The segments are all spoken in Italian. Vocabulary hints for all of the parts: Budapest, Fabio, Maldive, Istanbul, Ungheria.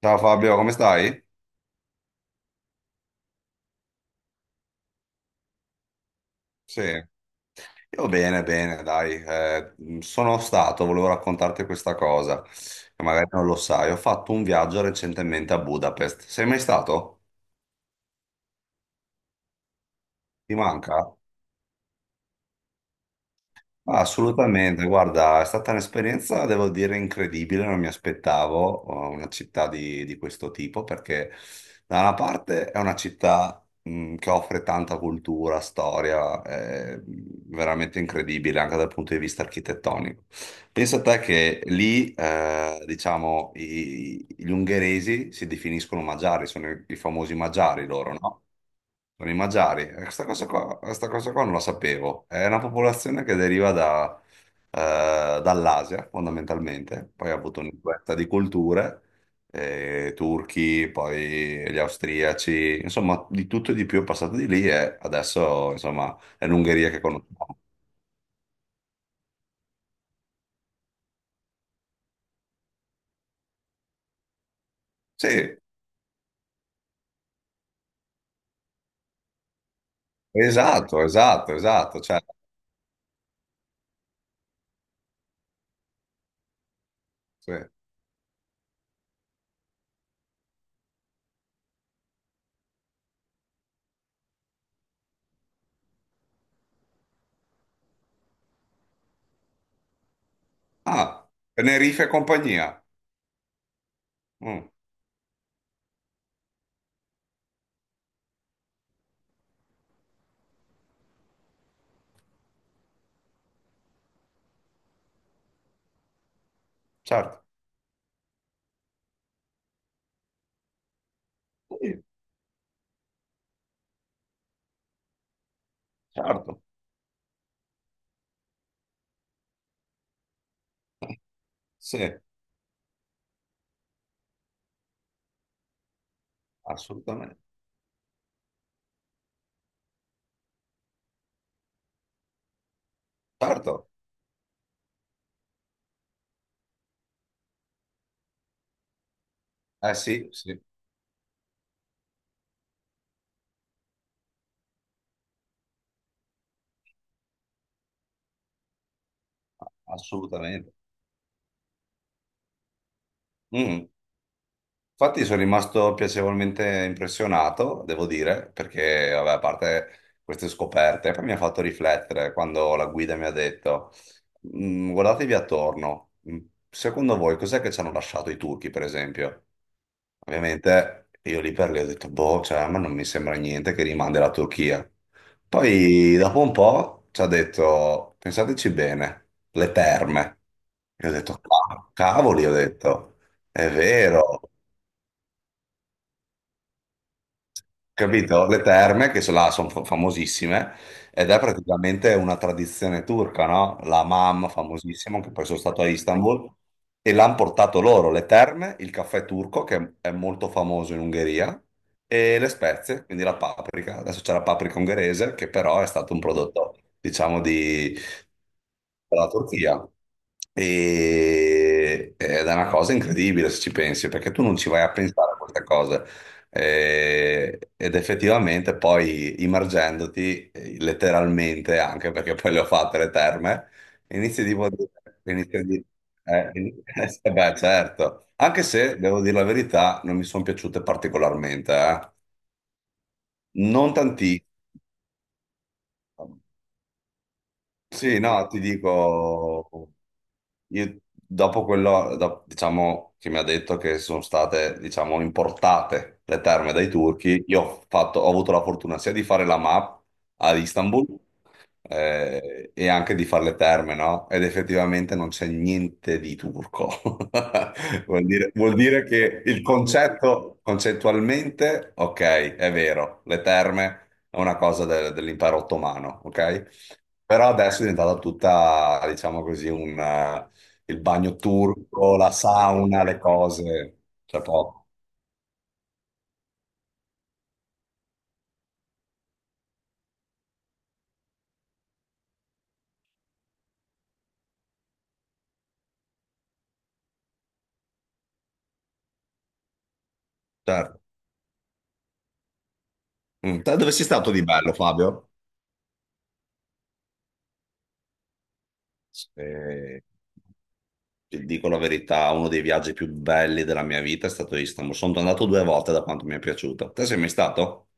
Ciao Fabio, come stai? Sì, io bene, bene, dai. Sono stato, volevo raccontarti questa cosa, che magari non lo sai. Ho fatto un viaggio recentemente a Budapest. Sei mai stato? Ti manca? Assolutamente, guarda, è stata un'esperienza, devo dire, incredibile, non mi aspettavo una città di questo tipo, perché da una parte è una città che offre tanta cultura, storia, è veramente incredibile anche dal punto di vista architettonico. Pensa a te che lì, diciamo, gli ungheresi si definiscono magiari, sono i famosi magiari loro, no? Sono i Magiari. E questa cosa qua non la sapevo. È una popolazione che deriva da, dall'Asia, fondamentalmente. Poi ha avuto un'influenza di culture, turchi, poi gli austriaci, insomma, di tutto e di più è passato di lì e adesso, insomma, è l'Ungheria che conosciamo. Sì, esatto, esatto, esatto. Cioè, sì. Ah, Tenerife e compagnia. Mm, certo. Sì, certo. Sì, assolutamente. Certo. Eh sì, sì, assolutamente. Mm. Infatti sono rimasto piacevolmente impressionato, devo dire, perché, vabbè, a parte queste scoperte, poi mi ha fatto riflettere quando la guida mi ha detto, guardatevi attorno, secondo voi cos'è che ci hanno lasciato i turchi, per esempio? Ovviamente io lì per lì ho detto, boh, cioè, ma non mi sembra niente che rimandi la Turchia. Poi dopo un po' ci ha detto, pensateci bene, le terme. Io ho detto, cavoli, ho detto, è vero, Capito? Le terme, che sono, là, sono famosissime, ed è praticamente una tradizione turca, no? La mam, famosissima, che poi sono stato a Istanbul, e l'hanno portato loro, le terme, il caffè turco, che è molto famoso in Ungheria, e le spezie, quindi la paprika. Adesso c'è la paprika ungherese, che però è stato un prodotto, diciamo, di dalla Turchia. E, ed è una cosa incredibile se ci pensi, perché tu non ci vai a pensare a queste cose. Ed effettivamente poi immergendoti letteralmente, anche perché poi le ho fatte le terme, inizi tipo a dire, inizi a dire- eh, in- beh, certo, anche se devo dire la verità, non mi sono piaciute particolarmente, eh. Non tantissimo. Sì, no, ti dico, io dopo quello, diciamo, che mi ha detto che sono state, diciamo, importate le terme dai turchi, io ho fatto, ho avuto la fortuna sia di fare la MAP ad Istanbul, e anche di fare le terme, no? Ed effettivamente non c'è niente di turco. Vuol dire che il concetto, concettualmente, ok, è vero, le terme è una cosa dell'impero ottomano, ok? Però adesso è diventata tutta, diciamo così, un, il bagno turco, la sauna, le cose. C'è poco. Certo. Mm. Te dove sei stato di bello, Fabio? Eh, ti dico la verità, uno dei viaggi più belli della mia vita è stato Istanbul. Sono andato due volte da quanto mi è piaciuto. Te sei mai stato?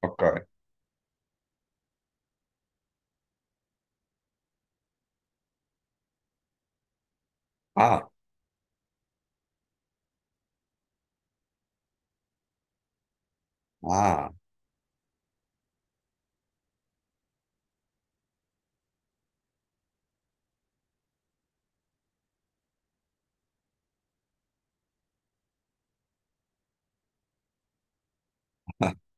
Ok. Ah, ah,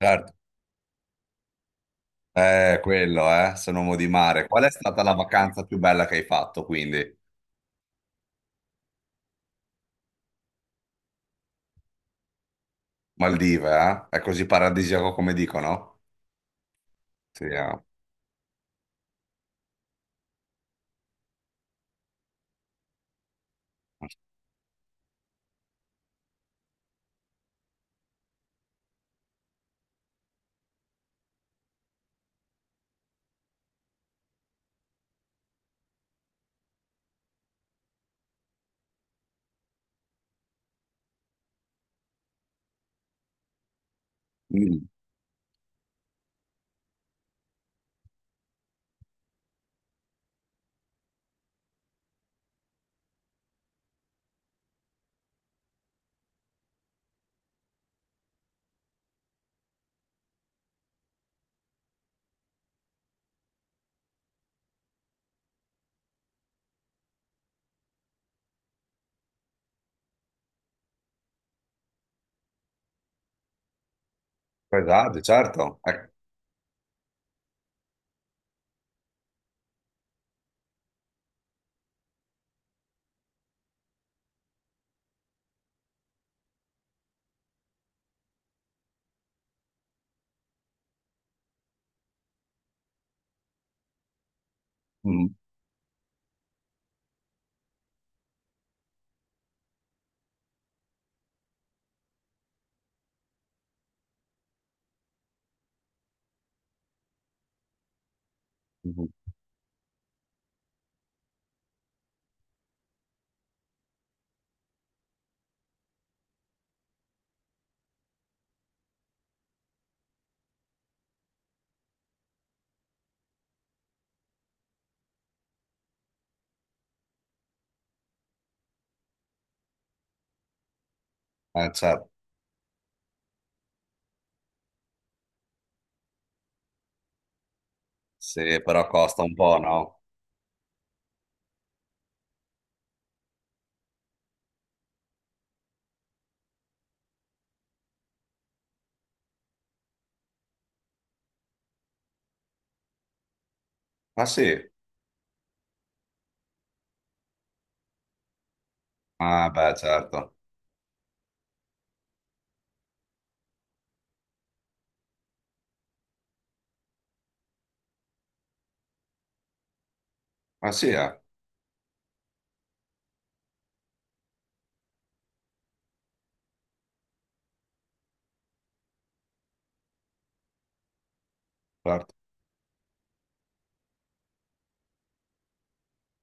certo. Quello, sono uomo di mare. Qual è stata la vacanza più bella che hai fatto, quindi? Maldive, eh? È così paradisiaco come dicono? Sì, ah. Mm, pesante, certo. Mm, mm, certo. Sì, però costa un po', no? Ah sì? Ah beh, certo. Ah sì, certo.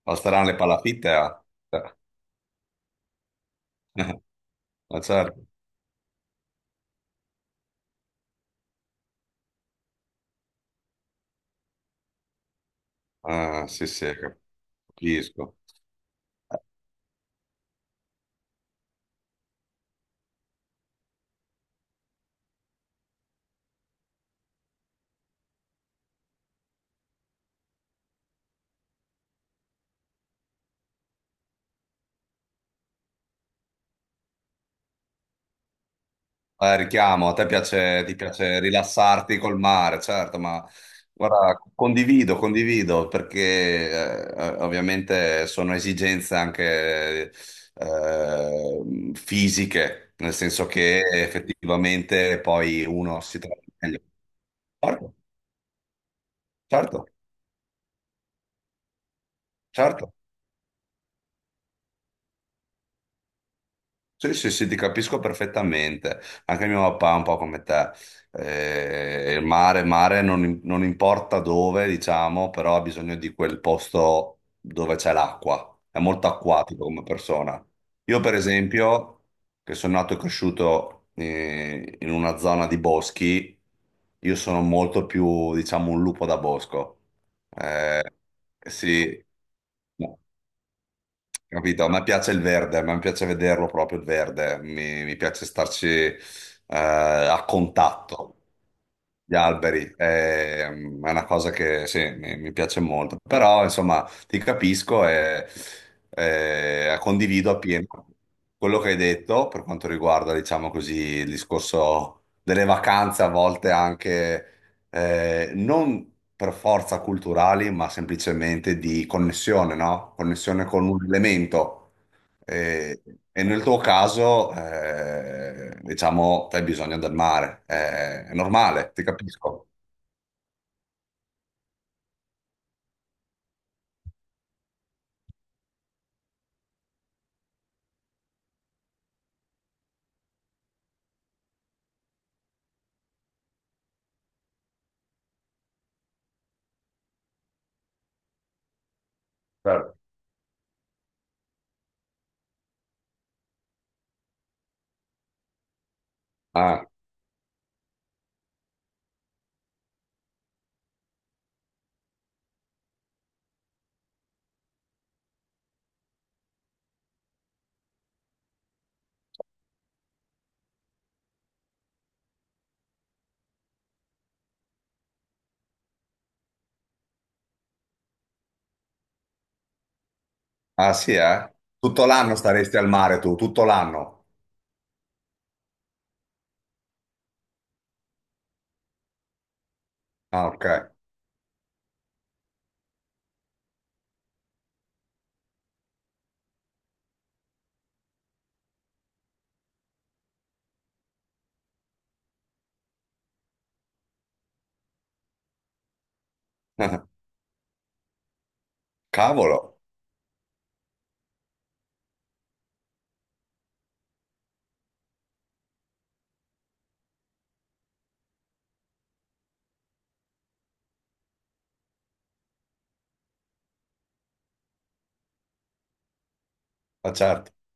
Costeranno le palafitte, eh? Eh, ma certo. Ah, sì, sì, capisco. Richiamo, a te piace, ti piace rilassarti col mare, certo, ma guarda, condivido, condivido, perché ovviamente sono esigenze anche fisiche, nel senso che effettivamente poi uno si trova meglio. Certo, certo, certo. Sì, sì, sì, ti capisco perfettamente. Anche mio papà è un po' come te. Il mare, mare non importa dove, diciamo, però ha bisogno di quel posto dove c'è l'acqua. È molto acquatico come persona. Io, per esempio, che sono nato e cresciuto in una zona di boschi, io sono molto più, diciamo, un lupo da bosco. Eh, sì. No. Capito? A me piace il verde, a me piace vederlo proprio il verde, mi piace starci a contatto. Gli alberi mm, è, una cosa che sì, mi piace molto, però insomma ti capisco e condivido appieno quello che hai detto per quanto riguarda, diciamo così, il discorso delle vacanze, a volte anche non per forza culturali, ma semplicemente di connessione, no? Connessione con un elemento. Eh, e nel tuo caso, diciamo, tu hai bisogno del mare. È normale, ti capisco. Certo. Ah, ah, sì, eh? Tutto l'anno staresti al mare tu, tutto l'anno. Ah, ok. Cavolo, ma certo.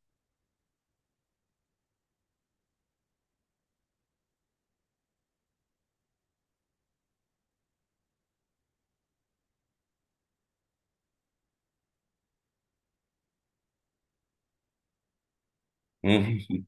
Mhm.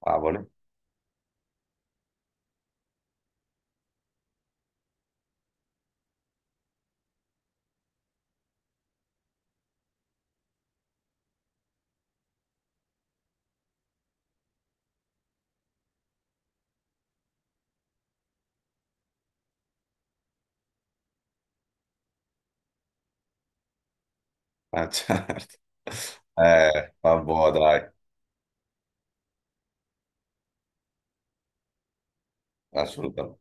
Cavoli, ma certo. Vabbè, dai, assolutamente.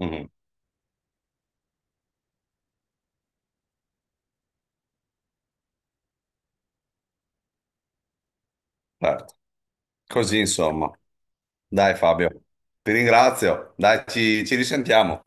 Mhm, certo. Così, insomma. Dai, Fabio, ti ringrazio. Dai, ci risentiamo.